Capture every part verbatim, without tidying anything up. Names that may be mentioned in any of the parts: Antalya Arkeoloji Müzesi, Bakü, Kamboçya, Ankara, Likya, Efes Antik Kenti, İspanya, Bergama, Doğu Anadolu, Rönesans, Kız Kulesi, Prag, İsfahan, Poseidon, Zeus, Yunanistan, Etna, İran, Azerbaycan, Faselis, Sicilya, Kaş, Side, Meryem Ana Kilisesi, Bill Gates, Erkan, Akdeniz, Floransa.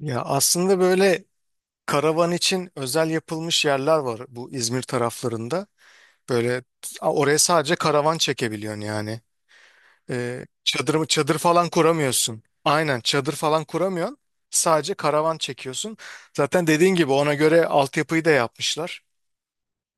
Ya aslında böyle karavan için özel yapılmış yerler var bu İzmir taraflarında. Böyle t- oraya sadece karavan çekebiliyorsun yani. Ee, çadır, çadır falan kuramıyorsun. Aynen çadır falan kuramıyorsun. Sadece karavan çekiyorsun. Zaten dediğin gibi ona göre altyapıyı da yapmışlar.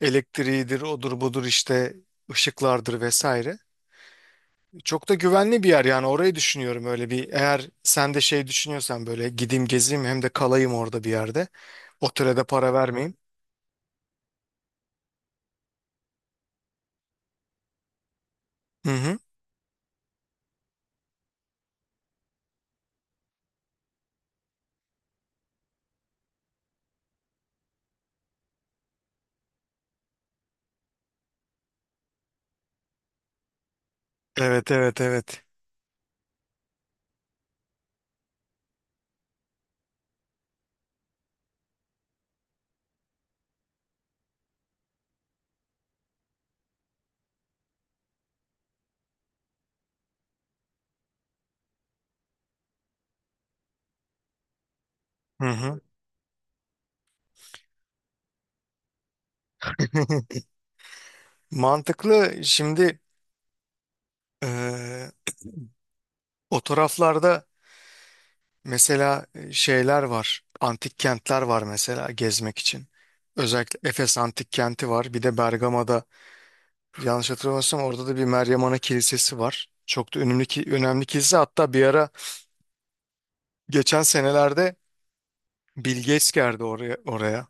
Elektriğidir, odur budur işte ışıklardır vesaire. Çok da güvenli bir yer yani orayı düşünüyorum, öyle bir, eğer sen de şey düşünüyorsan böyle gideyim gezeyim hem de kalayım orada bir yerde. Otele de para vermeyeyim. Hı hı. Evet, evet, evet. Hı hı. Mantıklı. Şimdi eee o taraflarda mesela e, şeyler var. Antik kentler var mesela gezmek için. Özellikle Efes Antik Kenti var. Bir de Bergama'da yanlış hatırlamıyorsam orada da bir Meryem Ana Kilisesi var. Çok da önemli ki önemli kilise. Hatta bir ara geçen senelerde Bill Gates geldi oraya oraya.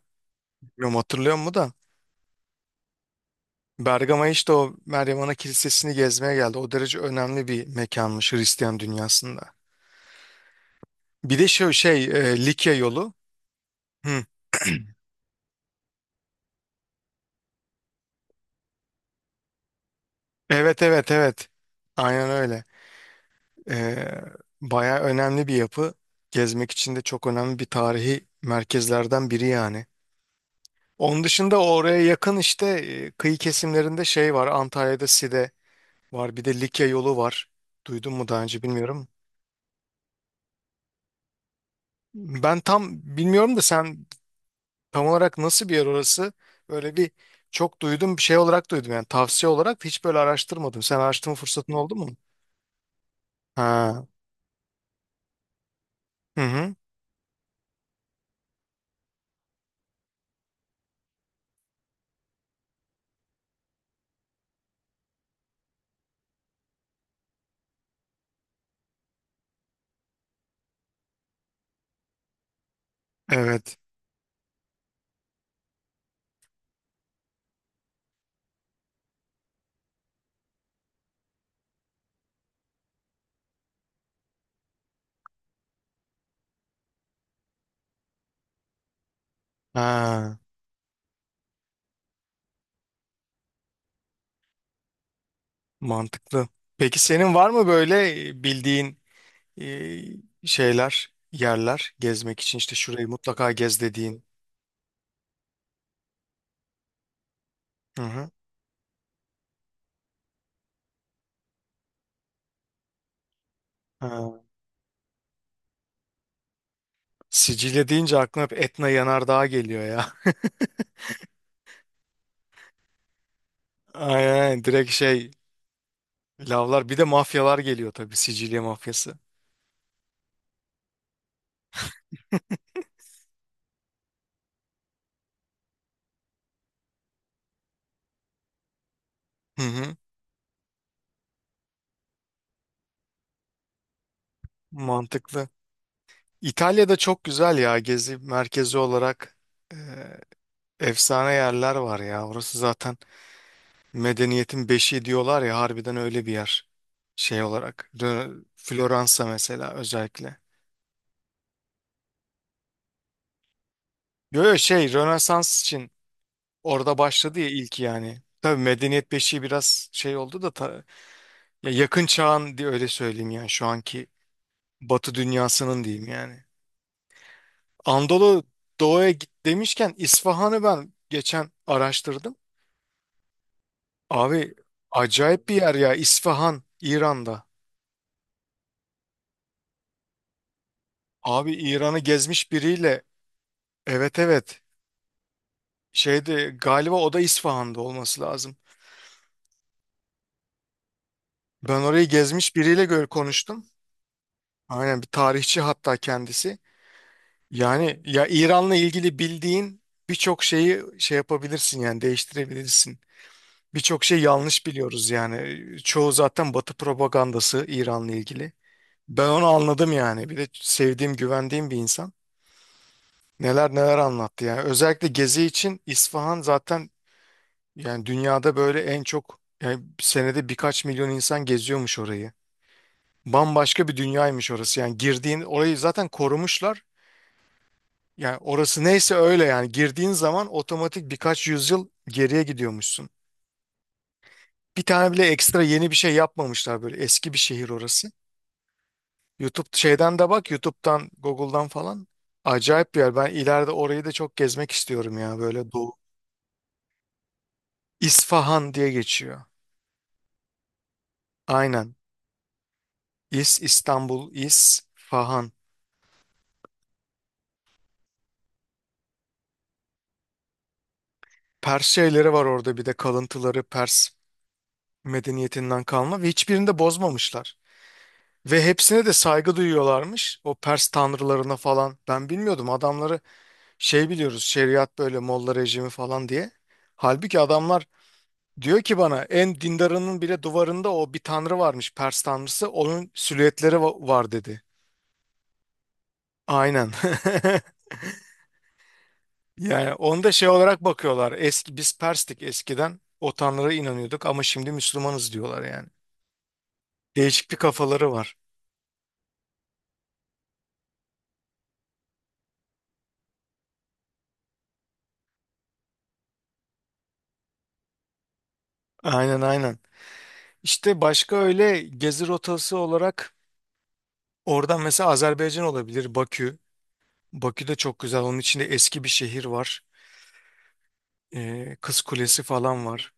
Bilmiyorum hatırlıyor musun da. Bergama işte o Meryem Ana Kilisesi'ni gezmeye geldi. O derece önemli bir mekanmış Hristiyan dünyasında. Bir de şu şey e, Likya yolu. Hı. Evet, evet, evet. Aynen öyle. E, Baya önemli bir yapı. Gezmek için de çok önemli bir tarihi merkezlerden biri yani. Onun dışında oraya yakın işte e, kıyı kesimlerinde şey var. Antalya'da Side var. Bir de Likya yolu var. Duydun mu daha önce bilmiyorum. Ben tam bilmiyorum da sen tam olarak nasıl bir yer orası? Böyle bir çok duydum, bir şey olarak duydum yani tavsiye olarak, da hiç böyle araştırmadım. Sen araştırma fırsatın oldu mu? Ha. Hı hı. Evet. Ha. Mantıklı. Peki senin var mı böyle bildiğin e, şeyler, yerler gezmek için işte şurayı mutlaka gez dediğin? Hı hı. Ha. Sicilya deyince aklıma hep Etna Yanardağ geliyor ya. Aynen, aynen, direkt şey, lavlar bir de mafyalar geliyor tabii, Sicilya mafyası. Hı hı. Mantıklı. İtalya'da çok güzel ya, gezi merkezi olarak e, efsane yerler var ya. Orası zaten medeniyetin beşiği diyorlar ya, harbiden öyle bir yer şey olarak. Rö- Floransa mesela özellikle. Yo yo şey, Rönesans için orada başladı ya ilk, yani. Tabii medeniyet beşiği biraz şey oldu da ta- ya, yakın çağın diye öyle söyleyeyim yani, şu anki Batı dünyasının diyeyim yani. Anadolu Doğu'ya git demişken İsfahan'ı ben geçen araştırdım. Abi acayip bir yer ya, İsfahan İran'da. Abi İran'ı gezmiş biriyle, evet evet, şeyde galiba o da İsfahan'da olması lazım. Ben orayı gezmiş biriyle gör konuştum. Aynen, bir tarihçi hatta kendisi. Yani ya, İran'la ilgili bildiğin birçok şeyi şey yapabilirsin yani, değiştirebilirsin. Birçok şey yanlış biliyoruz yani. Çoğu zaten Batı propagandası İran'la ilgili. Ben onu anladım yani. Bir de sevdiğim, güvendiğim bir insan. Neler neler anlattı yani. Özellikle gezi için İsfahan zaten, yani dünyada böyle en çok, yani senede birkaç milyon insan geziyormuş orayı. Bambaşka bir dünyaymış orası. Yani girdiğin, orayı zaten korumuşlar. Yani orası neyse öyle, yani girdiğin zaman otomatik birkaç yüzyıl geriye gidiyormuşsun. Bir tane bile ekstra yeni bir şey yapmamışlar, böyle eski bir şehir orası. YouTube şeyden de bak, YouTube'dan Google'dan falan, acayip bir yer. Ben ileride orayı da çok gezmek istiyorum ya, böyle Doğu. İsfahan diye geçiyor. Aynen. İz, İstanbul, İz, Fahan. Pers şeyleri var orada, bir de kalıntıları, Pers medeniyetinden kalma ve hiçbirini de bozmamışlar. Ve hepsine de saygı duyuyorlarmış. O Pers tanrılarına falan. Ben bilmiyordum, adamları şey biliyoruz, şeriat böyle Molla rejimi falan diye. Halbuki adamlar diyor ki bana, en dindarının bile duvarında o bir tanrı varmış, Pers tanrısı. Onun silüetleri va- var dedi. Aynen. Yani onda şey olarak bakıyorlar. Eski biz Perstik, eskiden o tanrılara inanıyorduk ama şimdi Müslümanız diyorlar yani. Değişik bir kafaları var. Aynen, aynen. İşte başka öyle gezi rotası olarak oradan mesela Azerbaycan olabilir, Bakü. Bakü de çok güzel. Onun içinde eski bir şehir var. Ee, Kız Kulesi falan var.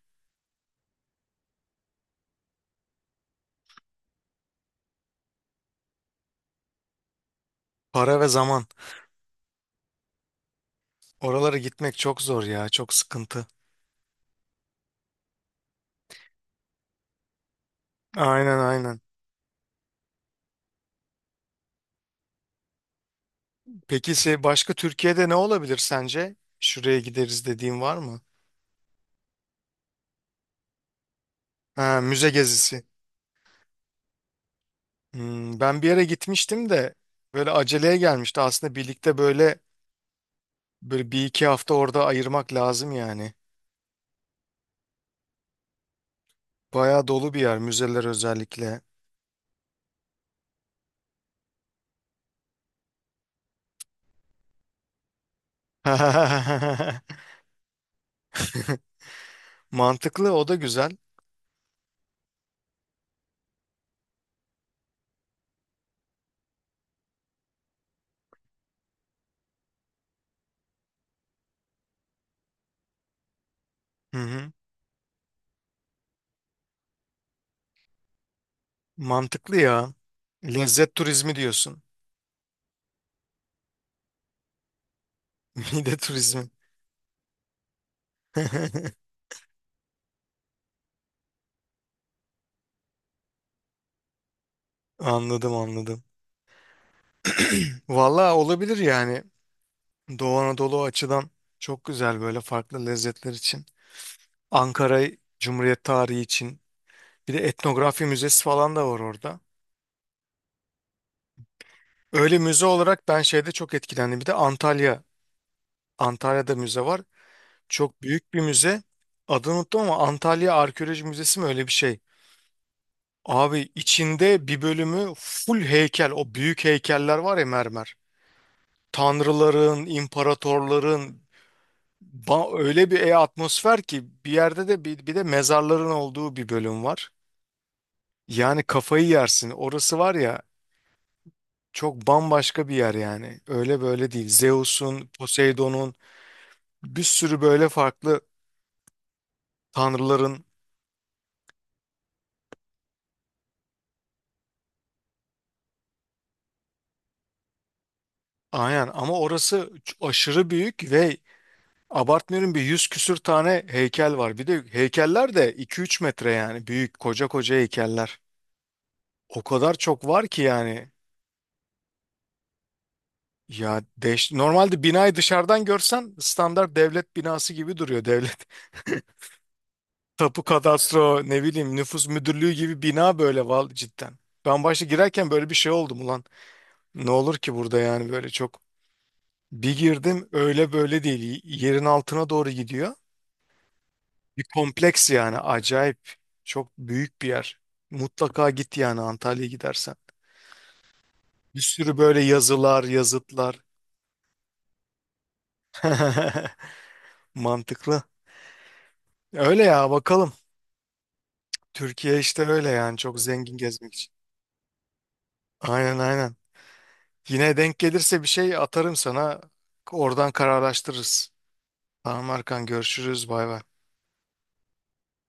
Para ve zaman. Oralara gitmek çok zor ya. Çok sıkıntı. Aynen, aynen. Peki se- başka Türkiye'de ne olabilir sence? Şuraya gideriz dediğin var mı? Ha, müze gezisi. Hmm, ben bir yere gitmiştim de böyle aceleye gelmişti. Aslında birlikte böyle böyle bir iki hafta orada ayırmak lazım yani. Bayağı dolu bir yer, müzeler özellikle. Mantıklı, o da güzel. Hı hı. Mantıklı ya. Lezzet turizmi diyorsun. Mide turizmi. Anladım, anladım. Vallahi olabilir yani. Doğu Anadolu açıdan çok güzel, böyle farklı lezzetler için. Ankara Cumhuriyet tarihi için. Bir de etnografi müzesi falan da var orada. Öyle müze olarak ben şeyde çok etkilendim. Bir de Antalya. Antalya'da müze var. Çok büyük bir müze. Adını unuttum ama Antalya Arkeoloji Müzesi mi, öyle bir şey. Abi içinde bir bölümü full heykel. O büyük heykeller var ya, mermer. Tanrıların, imparatorların, ba- öyle bir e atmosfer ki, bir yerde de bir, bir de mezarların olduğu bir bölüm var. Yani kafayı yersin. Orası var ya, çok bambaşka bir yer yani. Öyle böyle değil. Zeus'un, Poseidon'un, bir sürü böyle farklı tanrıların, aynen, ama orası ç- aşırı büyük ve abartmıyorum, bir yüz küsür tane heykel var. Bir de heykeller de iki üç metre yani, büyük koca koca heykeller. O kadar çok var ki yani. Ya deş- normalde binayı dışarıdan görsen standart devlet binası gibi duruyor, devlet. Tapu kadastro, ne bileyim nüfus müdürlüğü gibi bina böyle, val cidden. Ben başta girerken böyle bir şey oldum, ulan ne olur ki burada yani, böyle çok. Bir girdim öyle böyle değil. Yerin altına doğru gidiyor. Bir kompleks yani, acayip. Çok büyük bir yer. Mutlaka git yani Antalya'ya gidersen. Bir sürü böyle yazılar, yazıtlar. Mantıklı. Öyle ya, bakalım. Türkiye işte öyle yani, çok zengin gezmek için. Aynen, aynen. Yine denk gelirse bir şey atarım sana. Oradan kararlaştırırız. Tamam Erkan, görüşürüz. Bay bay.